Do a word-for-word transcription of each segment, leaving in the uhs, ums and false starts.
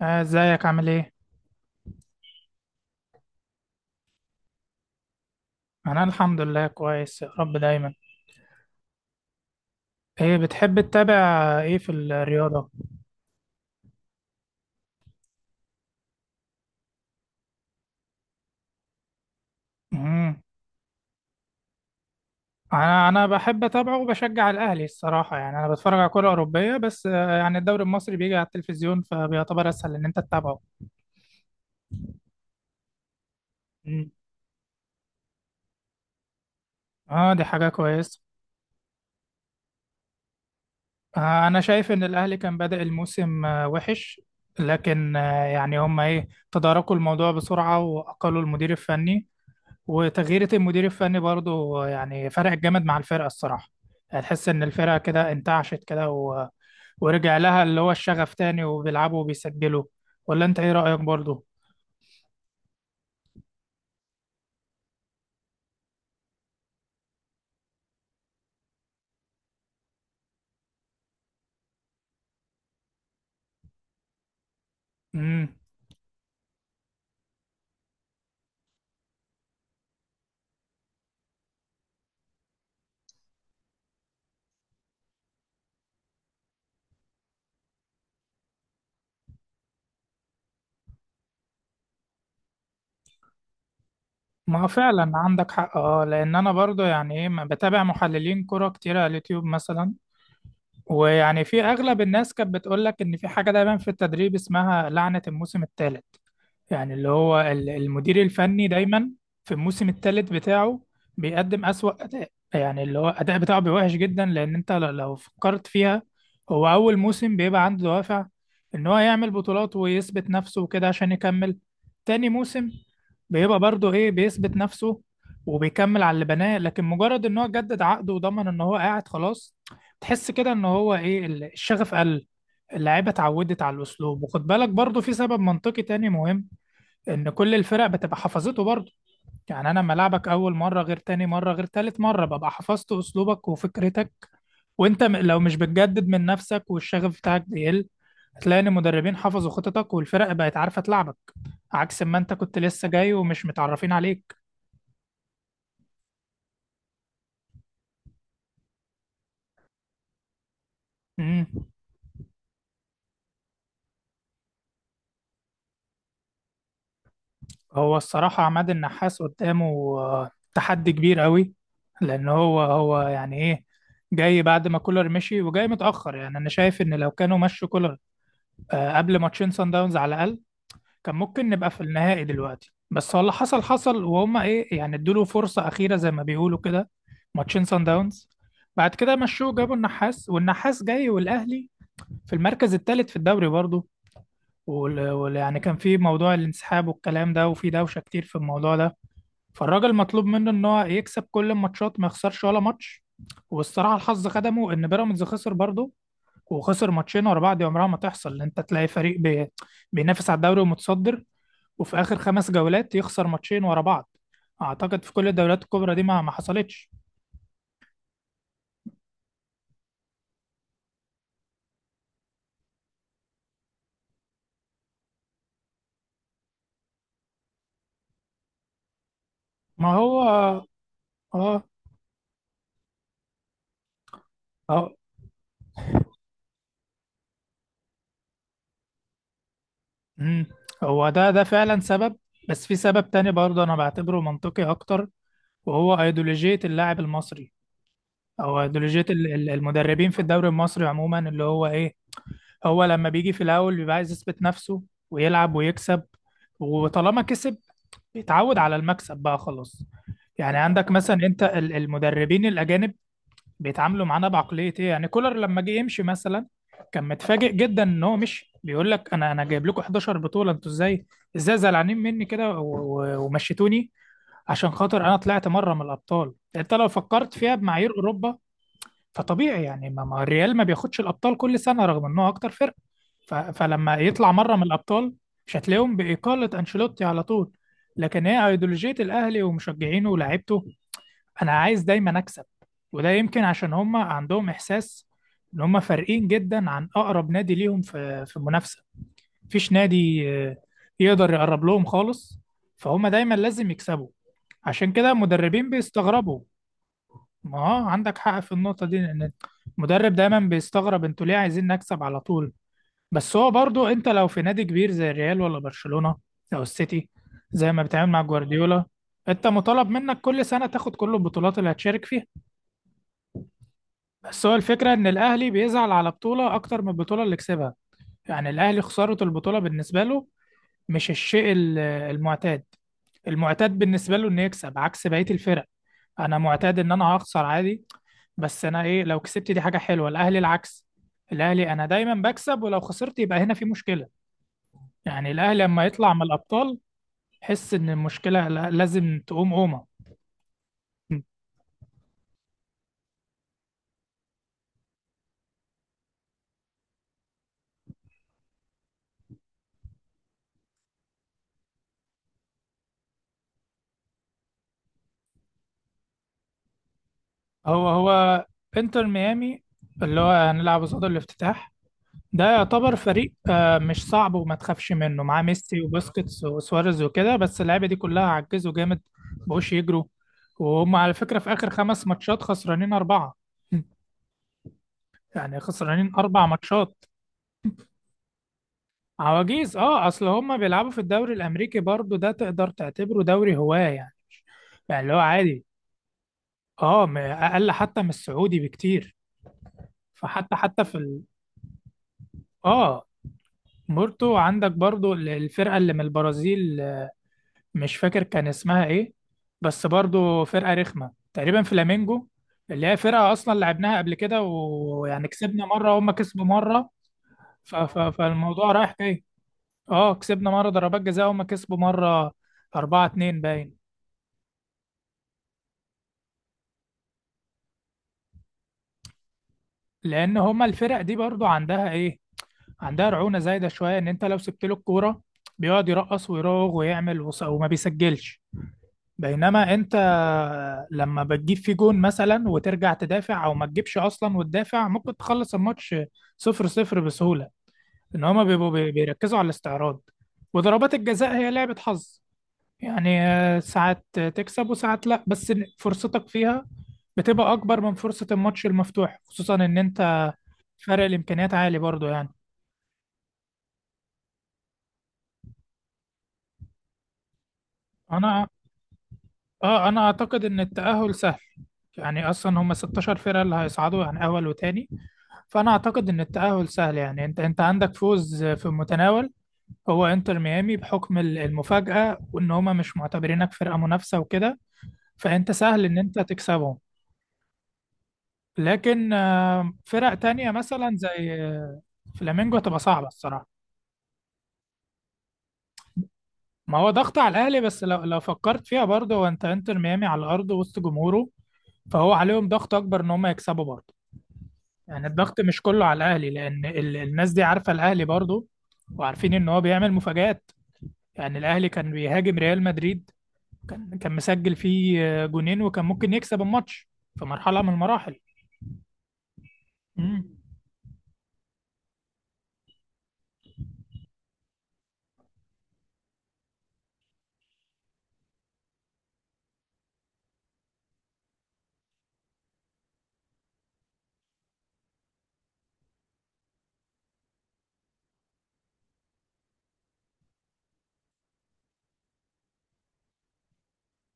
آه، ازيك عامل ايه؟ انا الحمد لله كويس يا رب دايما. ايه بتحب تتابع ايه في الرياضة؟ مم. انا انا بحب اتابعه وبشجع الاهلي الصراحة، يعني انا بتفرج على كرة اوروبية بس آه، يعني الدوري المصري بيجي على التلفزيون فبيعتبر اسهل ان انت تتابعه. مم. اه، دي حاجة كويسة. آه، انا شايف ان الاهلي كان بادئ الموسم آه، وحش، لكن آه، يعني هم ايه تداركوا الموضوع بسرعة واقلوا المدير الفني. وتغييرة المدير الفني برضو يعني فرقت جامد مع الفرقة الصراحة. هتحس إن الفرقة كده انتعشت كده و... ورجع لها اللي هو الشغف تاني، وبيلعبوا وبيسجلوا. ولا أنت إيه رأيك برضو؟ مم. ما هو فعلا عندك حق، اه، لأن أنا برضو يعني إيه، ما بتابع محللين كرة كتير على اليوتيوب مثلا. ويعني في أغلب الناس كانت بتقولك إن في حاجة دايما في التدريب اسمها لعنة الموسم الثالث، يعني اللي هو ال- المدير الفني دايما في الموسم الثالث بتاعه بيقدم أسوأ أداء. يعني اللي هو الأداء بتاعه بيبقى وحش جدا، لأن أنت ل- لو فكرت فيها، هو أول موسم بيبقى عنده دوافع إن هو يعمل بطولات ويثبت نفسه وكده عشان يكمل. تاني موسم بيبقى برضه إيه بيثبت نفسه وبيكمل على اللي بناه، لكن مجرد إن هو جدد عقده وضمن إن هو قاعد خلاص، تحس كده إن هو إيه ال- الشغف قل. اللعيبة اتعودت على الأسلوب، وخد بالك برضه في سبب منطقي تاني مهم، ان كل الفرق بتبقى حفظته برضه. يعني انا لما العبك اول مره غير تاني مره غير تالت مره ببقى حفظت اسلوبك وفكرتك، وانت م- لو مش بتجدد من نفسك والشغف بتاعك بيقل، هتلاقي ان المدربين حفظوا خططك والفرق بقت عارفه تلعبك، عكس ما انت كنت لسه جاي ومش متعرفين عليك. امم. هو الصراحه عماد النحاس قدامه آه، تحدي كبير قوي، لان هو هو يعني ايه جاي بعد ما كولر مشي، وجاي متاخر. يعني انا شايف ان لو كانوا مشوا كولر آه، قبل ماتشين سان داونز على الاقل، كان ممكن نبقى في النهائي دلوقتي. بس هو اللي حصل حصل، وهم ايه يعني ادوله فرصة أخيرة زي ما بيقولوا كده. ماتشين سان داونز بعد كده مشوه، جابوا النحاس، والنحاس جاي والأهلي في المركز الثالث في الدوري برضه. وال- وال- يعني كان في موضوع الانسحاب والكلام ده، وفي دوشة كتير في الموضوع ده، فالراجل مطلوب منه ان هو يكسب كل الماتشات، ما يخسرش ولا ماتش. والصراحة الحظ خدمه ان بيراميدز خسر برضه، وخسر ماتشين ورا بعض. دي عمرها ما تحصل ان انت تلاقي فريق بي- بينافس على الدوري ومتصدر، وفي آخر خمس جولات يخسر ماتشين ورا بعض. أعتقد في كل الدوريات الكبرى دي ما ما حصلتش. ما هو اه. اه. آه، مم. هو ده ده فعلا سبب، بس في سبب تاني برضه أنا بعتبره منطقي أكتر، وهو أيديولوجية اللاعب المصري، أو أيديولوجية ال- ال- المدربين في الدوري المصري عموما، اللي هو إيه هو لما بيجي في الأول بيبقى عايز يثبت نفسه ويلعب ويكسب، وطالما كسب بيتعود على المكسب بقى خلاص. يعني عندك مثلا أنت ال- المدربين الأجانب بيتعاملوا معانا بعقليه ايه؟ يعني كولر لما جه يمشي مثلا كان متفاجئ جدا ان هو مشي. بيقول لك انا انا جايب لكم حداشر بطوله، انتوا ازاي ازاي زعلانين مني كده و- و- ومشيتوني عشان خاطر انا طلعت مره من الابطال؟ انت لو فكرت فيها بمعايير اوروبا فطبيعي، يعني ما ما الريال ما بياخدش الابطال كل سنه رغم ان هو اكتر فرقه، ف- فلما يطلع مره من الابطال مش هتلاقيهم باقاله انشيلوتي على طول. لكن هي ايديولوجيه الاهلي ومشجعينه ولاعيبته، انا عايز دايما اكسب. وده يمكن عشان هم عندهم احساس ان هم فارقين جدا عن اقرب نادي ليهم في في المنافسه، مفيش نادي آه، يقدر يقرب لهم خالص، فهم دايما لازم يكسبوا، عشان كده المدربين بيستغربوا. ما اه، عندك حق في النقطه دي، لان المدرب دايما بيستغرب انتوا ليه عايزين نكسب على طول؟ بس هو برضو انت لو في نادي كبير زي الريال ولا برشلونه او السيتي، زي ما بتعمل مع جوارديولا، انت مطالب منك كل سنه تاخد كل البطولات اللي هتشارك فيها. بس هو الفكرة إن الأهلي بيزعل على بطولة أكتر من البطولة اللي كسبها. يعني الأهلي خسارة البطولة بالنسبة له مش الشيء ال- المعتاد. المعتاد بالنسبة له إنه يكسب، عكس بقية الفرق، أنا معتاد إن أنا هخسر عادي، بس أنا إيه لو كسبت دي حاجة حلوة. الأهلي العكس، الأهلي أنا دايما بكسب، ولو خسرت يبقى هنا في مشكلة. يعني الأهلي لما يطلع من الأبطال حس إن المشكلة لا- لازم تقوم قومة. هو هو انتر ميامي اللي هو هنلعب قصاد الافتتاح، ده يعتبر فريق آه، مش صعب وما تخافش منه، معاه ميسي وبوسكيتس وسواريز وكده، بس اللعيبه دي كلها عجزوا جامد، مبقوش يجروا. وهم على فكره في اخر خمس ماتشات خسرانين اربعه. يعني خسرانين اربع ماتشات. عواجيز، اه، اصل هم بيلعبوا في الدوري الامريكي برضو، ده تقدر تعتبره دوري هواه يعني، يعني اللي هو عادي. اه، م- اقل حتى من السعودي بكتير، فحتى حتى في ال... اه، مورتو عندك برضو ال- الفرقه اللي من البرازيل، مش فاكر كان اسمها ايه، بس برضو فرقة رخمة تقريبا، فلامينجو، اللي هي فرقة اصلا لعبناها قبل كده، ويعني كسبنا مرة وهم كسبوا مرة. ف... ف... فالموضوع رايح جاي. اه، كسبنا مرة ضربات جزاء وهم كسبوا مرة. أربعة اتنين باين. لأن هما الفرق دي برضو عندها ايه، عندها رعونة زايدة شوية، ان انت لو سبت له الكورة بيقعد يرقص ويراوغ ويعمل وص- وما بيسجلش، بينما انت لما بتجيب في جون مثلا وترجع تدافع، او ما تجيبش اصلا وتدافع، ممكن تخلص الماتش صفر صفر بسهولة، ان هما بيبقوا بي- بيركزوا على الاستعراض. وضربات الجزاء هي لعبة حظ، يعني آه، ساعات تكسب وساعات لا، بس فرصتك فيها بتبقى اكبر من فرصة الماتش المفتوح، خصوصا ان انت فرق الامكانيات عالي برضو يعني. انا اه انا اعتقد ان التأهل سهل. يعني اصلا هما ستة عشر فرقة اللي هيصعدوا، يعني اول وتاني، فانا اعتقد ان التأهل سهل. يعني انت انت عندك فوز في المتناول، هو انتر ميامي بحكم ال- المفاجأة وان هما مش معتبرينك فرقة منافسة وكده، فانت سهل ان انت تكسبهم. لكن آه، فرق تانية مثلا زي آه، فلامينجو هتبقى صعبة الصراحة. ما هو ضغط على الاهلي، بس لو لو فكرت فيها برضه، هو انت انتر ميامي على الارض وسط جمهوره، فهو عليهم ضغط اكبر ان هما يكسبوا برضه. يعني الضغط مش كله على الاهلي، لان ال- الناس دي عارفة الاهلي برضه، وعارفين ان هو بيعمل مفاجآت. يعني الاهلي كان بيهاجم ريال مدريد، كان كان مسجل فيه آه، جونين، وكان ممكن يكسب الماتش في مرحله من المراحل. امم.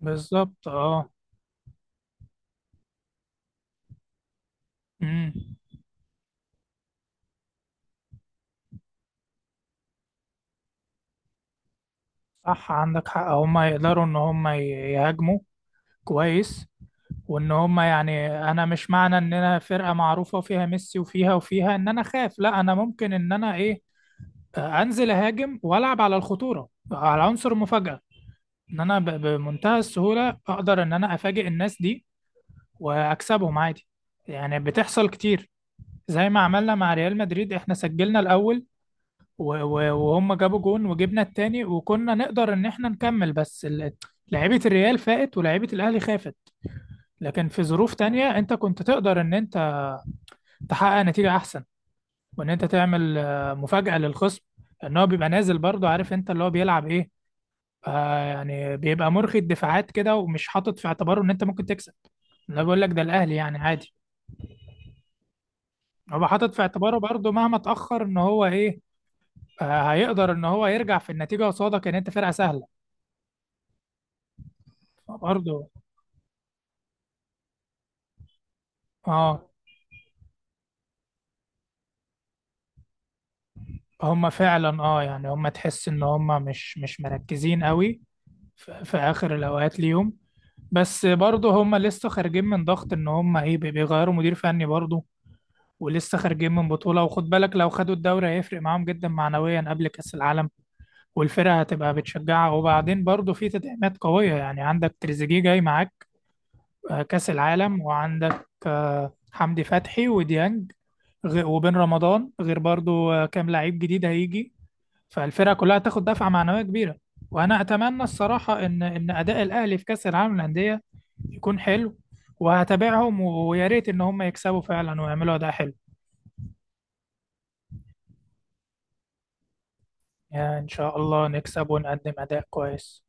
بالظبط اه. امم. صح عندك حق، هم يقدروا ان هم ي- يهاجموا كويس، وان هم، يعني انا مش معنى ان انا فرقه معروفه وفيها ميسي وفيها وفيها ان انا اخاف، لا، انا ممكن ان انا ايه آه، انزل اهاجم والعب على الخطوره، على عنصر المفاجاه، ان انا ب- بمنتهى السهوله اقدر ان انا افاجئ الناس دي واكسبهم عادي، يعني بتحصل كتير. زي ما عملنا مع ريال مدريد، احنا سجلنا الاول و- و- وهم جابوا جون وجبنا التاني، وكنا نقدر ان احنا نكمل، بس ال- لعيبة الريال فاقت ولعيبة الاهلي خافت. لكن في ظروف تانية انت كنت تقدر ان انت تحقق نتيجة احسن، وان انت تعمل آه، مفاجأة للخصم، ان هو بيبقى نازل برضه عارف انت اللي هو بيلعب ايه. آه يعني بيبقى مرخي الدفاعات كده، ومش حاطط في اعتباره ان انت ممكن تكسب. انا بقول لك ده الاهلي يعني عادي، هو حاطط في اعتباره برضه مهما اتأخر ان هو ايه آه، هيقدر ان هو يرجع في النتيجة، قصادك ان انت فرقة سهلة برضه. اه، هم فعلا، اه، يعني هم تحس ان هم مش مش مركزين قوي في, في اخر الاوقات ليهم، بس برضه هم لسه خارجين من ضغط ان هم ايه بي- بيغيروا مدير فني برضه، ولسه خارجين من بطولة، وخد بالك لو خدوا الدوري هيفرق معاهم جدا معنويا قبل كأس العالم، والفرقة هتبقى بتشجعها، وبعدين برضه في تدعيمات قوية، يعني عندك تريزيجيه جاي معاك آه، كأس العالم، وعندك آه، حمدي فتحي وديانج، غ- وبن رمضان، غير برضو آه، كام لعيب جديد هيجي، فالفرقة كلها هتاخد دفعة معنوية كبيرة. وأنا أتمنى الصراحة إن إن أداء الأهلي في كأس العالم للأندية يكون حلو، وهتابعهم و- ويا ريت إن هم يكسبوا فعلا ويعملوا أداء حلو. يعني إن شاء الله نكسب ونقدم أداء كويس.